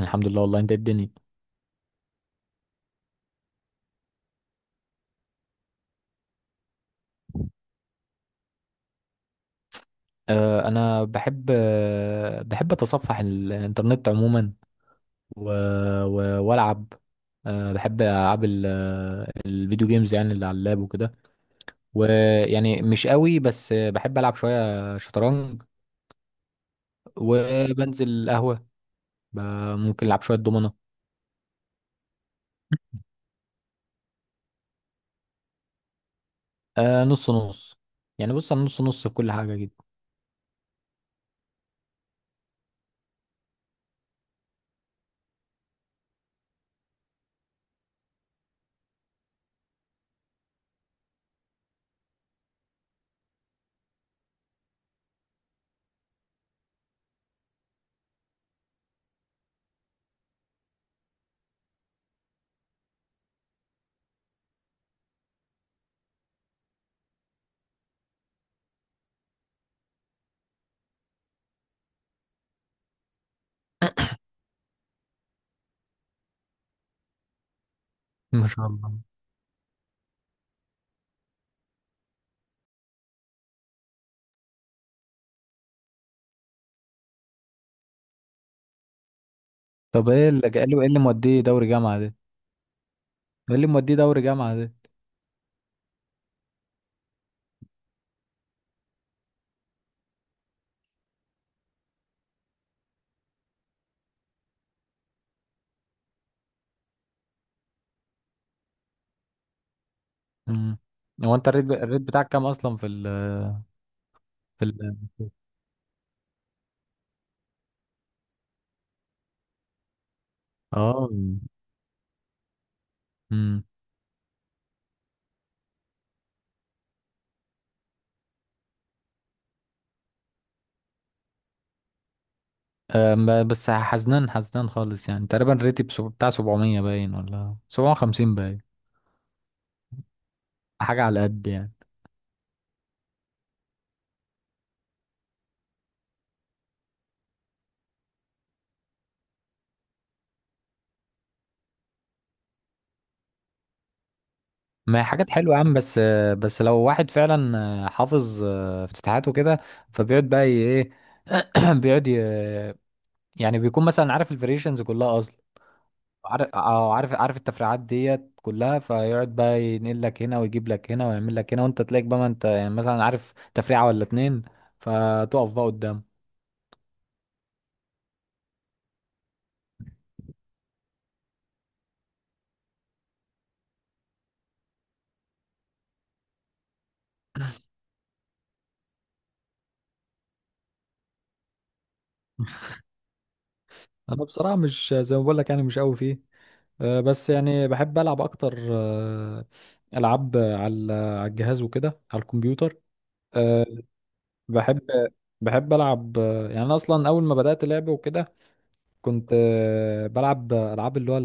الحمد لله والله، انت ايه الدنيا؟ انا بحب اتصفح الانترنت عموما. و... والعب. بحب العاب ال... آه، الفيديو جيمز، يعني اللي على اللاب وكده. ويعني مش قوي، بس بحب العب شويه شطرنج. وبنزل قهوه. ب... ممكن العب شويه دومنه. آه، نص نص. يعني بص، انا نص نص في كل حاجه جدا. ما شاء الله. طب، ايه اللي موديه دوري جامعه ده؟ مم. هو انت الريت بتاعك كام اصلا في ال في ال اه امم أم، بس حزنان حزنان خالص، يعني تقريبا ريتي بتاع 700 باين ولا 750 باين. حاجة على قد، يعني. ما هي حاجات حلوة يا عم، بس بس لو واحد فعلا حافظ افتتاحات وكده، فبيقعد بقى ايه... بيقعد يعني بيكون مثلا عارف الفاريشنز كلها. عارف اه عارف عارف التفريعات ديت كلها، فيقعد بقى ينقل لك هنا ويجيب لك هنا ويعمل لك هنا، وانت تلاقيك بقى، ما انت يعني مثلا عارف تفريعه ولا اتنين، فتقف بقى قدام. انا بصراحه مش زي ما بقول لك، يعني مش قوي فيه. بس يعني بحب العب اكتر، العاب على الجهاز وكده، على الكمبيوتر. آه، بحب بحب العب، يعني انا اصلا اول ما بدات لعب وكده، كنت بلعب العاب اللي هو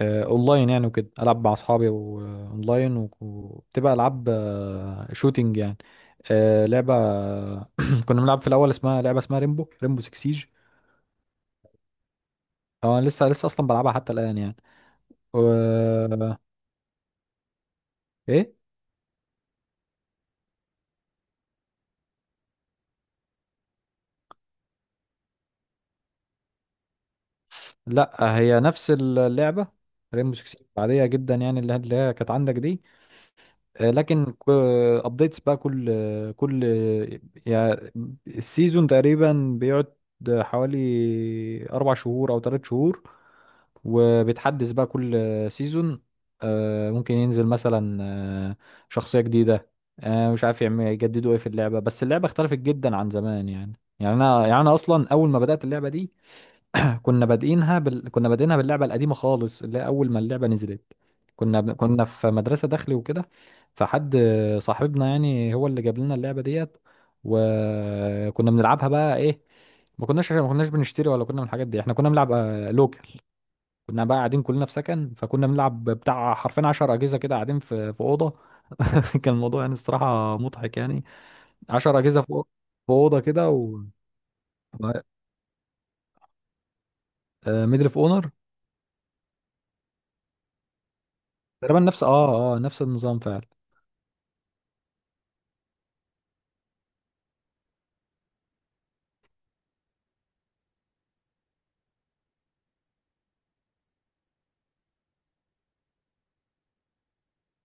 اونلاين، يعني وكده العب مع اصحابي واونلاين، وبتبقى العاب شوتينج يعني. لعبه كنا بنلعب في الاول اسمها لعبه، اسمها ريمبو 6 سيج. اه، انا لسه لسه اصلا بلعبها حتى الان يعني. و... آه، ايه، لا هي نفس اللعبه. ريمبو 6 سيج عاديه جدا يعني، اللي هي كانت عندك دي. لكن ابديتس بقى كل، يعني السيزون تقريبا بيقعد حوالي 4 شهور او 3 شهور، وبيتحدث بقى كل سيزون. ممكن ينزل مثلا شخصية جديدة. مش عارف يعمل يجددوا ايه في اللعبة، بس اللعبة اختلفت جدا عن زمان يعني. يعني انا اصلا اول ما بدأت اللعبة دي، كنا بادئينها باللعبه القديمه خالص، اللي هي اول ما اللعبه نزلت. كنا في مدرسه داخلي وكده، فحد صاحبنا يعني هو اللي جاب لنا اللعبه ديت. وكنا بنلعبها بقى ايه، ما كناش بنشتري ولا كنا من الحاجات دي، احنا كنا بنلعب لوكال. كنا بقى قاعدين كلنا في سكن، فكنا بنلعب بتاع حرفين 10 اجهزه كده، قاعدين في اوضه. كان الموضوع يعني الصراحه مضحك يعني. 10 اجهزه في اوضه كده، و ميدل اوف اونر، تقريبا نفس النظام فعلا.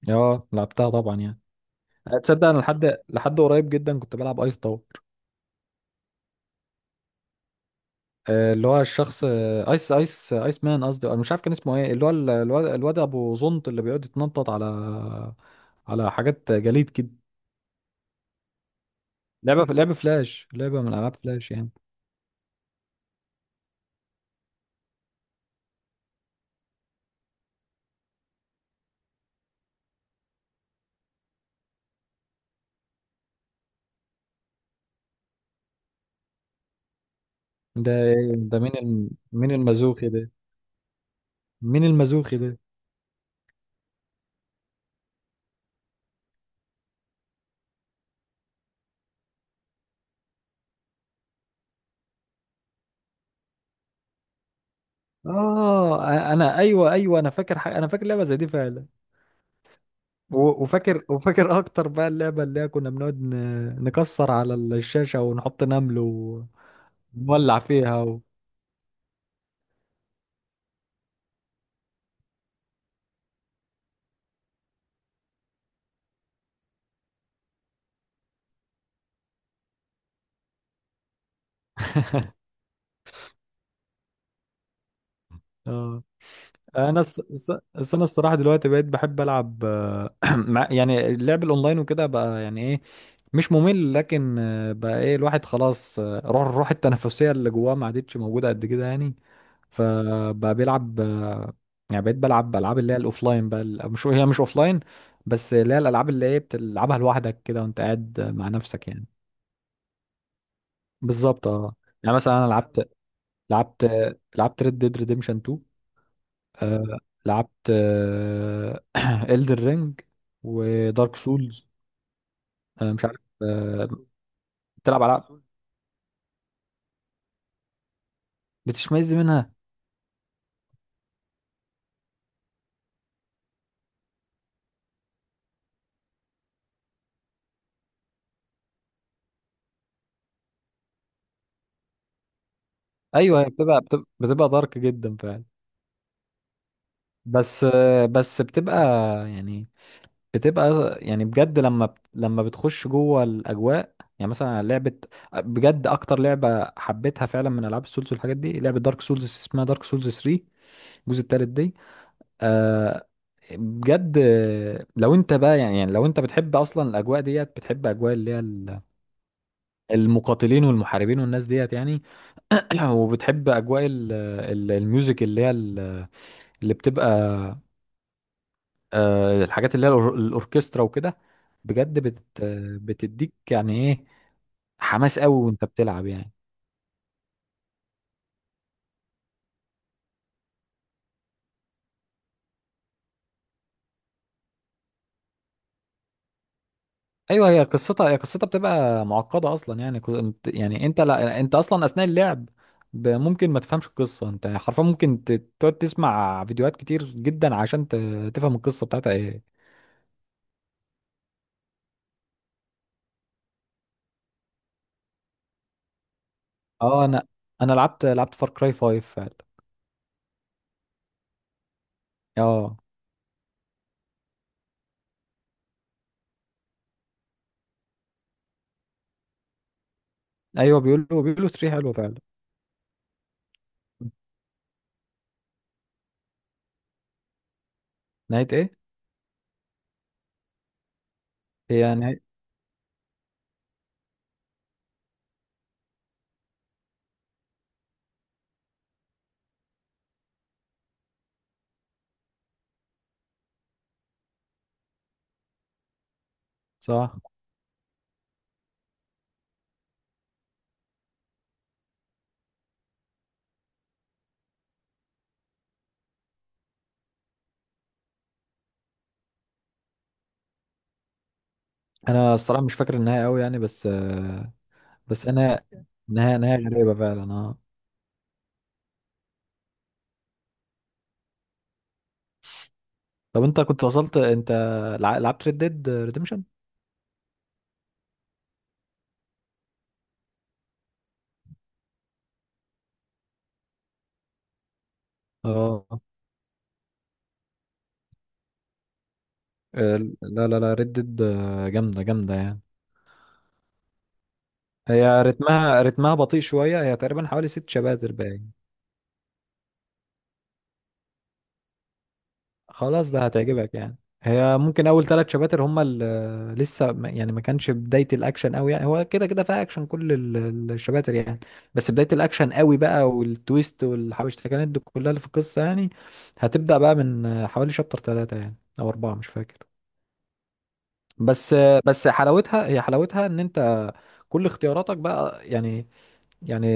اه، لعبتها طبعا يعني. تصدق انا لحد قريب جدا كنت بلعب ايس تاور. اللي هو الشخص، ايس مان، قصدي انا مش عارف كان اسمه ايه، اللي هو الواد ابو زنط اللي بيقعد يتنطط على حاجات جليد كده. لعبه فلاش، لعبه من العاب فلاش يعني. ده إيه؟ ده مين المازوخي ده؟ مين المازوخي ده اه، انا، ايوه، ايوه، انا فاكر حاجه، انا فاكر لعبه زي دي فعلا. وفاكر اكتر بقى اللعبه اللي هي كنا بنقعد نكسر على الشاشه ونحط نمل ونولع فيها. اه، انا الصراحه دلوقتي بقيت بحب العب، يعني اللعب الاونلاين وكده بقى، يعني ايه، مش ممل، لكن بقى ايه الواحد، خلاص روح التنافسيه اللي جواه ما عادتش موجوده قد كده يعني. فبقى بيلعب يعني. بقيت بلعب العاب اللي هي الاوفلاين بقى، مش اوفلاين، بس اللي هي الالعاب اللي هي بتلعبها لوحدك كده وانت قاعد مع نفسك يعني. بالظبط، اه. يعني مثلا انا لعبت لعبت ريد ديد ريديمشن 2. آه لعبت Elden رينج ودارك سولز. آه، مش عارف، آه. بتلعب العاب بتشمئز منها؟ ايوه، هي بتبقى دارك جدا فعلا. بس يعني بتبقى يعني، بجد لما بتخش جوه الاجواء، يعني مثلا لعبه، بجد اكتر لعبه حبيتها فعلا من العاب السولز والحاجات دي، لعبه دارك سولز، اسمها دارك سولز 3، الجزء التالت دي. آه بجد، لو انت بقى يعني، لو انت بتحب اصلا الاجواء ديت، بتحب اجواء اللي هي المقاتلين والمحاربين والناس ديت يعني. وبتحب اجواء الميوزك، اللي هي اللي بتبقى، الحاجات اللي هي الاوركسترا وكده. بجد بتديك يعني ايه، حماس قوي وانت بتلعب يعني. ايوه، هي قصتها بتبقى معقده اصلا، يعني يعني انت، لا، انت اصلا اثناء اللعب ممكن ما تفهمش القصه، انت حرفيا ممكن تقعد تسمع فيديوهات كتير جدا عشان تفهم القصه بتاعتها ايه. اه، انا لعبت فار كراي 5 فعلا. اه، ايوه، بيقولوا 3 حلوه فعلا. نهايه ايه؟ هي نهايه. صح. انا الصراحه مش فاكر النهايه قوي يعني، بس انا نهايه غريبه فعلا، اه. طب انت كنت وصلت، انت لعبت ريد ديد ريديمشن؟ اه، لا، لا، لا، ريد ديد جامده جامده يعني. هي رتمها بطيء شويه، هي تقريبا حوالي 6 شباتر باين. خلاص، ده هتعجبك يعني. هي ممكن اول 3 شباتر هما اللي لسه يعني ما كانش بدايه الاكشن قوي يعني، هو كده كده فيها اكشن كل الشباتر يعني، بس بدايه الاكشن قوي بقى، والتويست والحبشتكنات دي كلها اللي في القصه يعني، هتبدا بقى من حوالي شابتر 3 يعني، او 4، مش فاكر. بس بس حلاوتها ان انت كل اختياراتك بقى يعني، يعني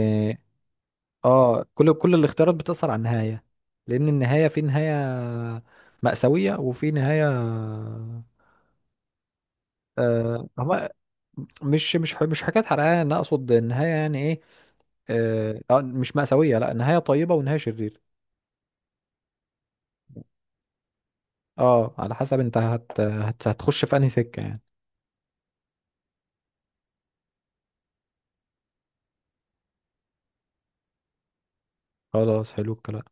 اه كل الاختيارات بتأثر على النهاية، لأن النهاية في نهاية مأساوية وفي نهاية. هما مش حكاية حرقانة، أنا أقصد النهاية يعني إيه. مش مأساوية، لا، نهاية طيبة ونهاية شريرة. اه، على حسب أنت هتخش في أنهي سكة يعني. خلاص، حلو الكلام.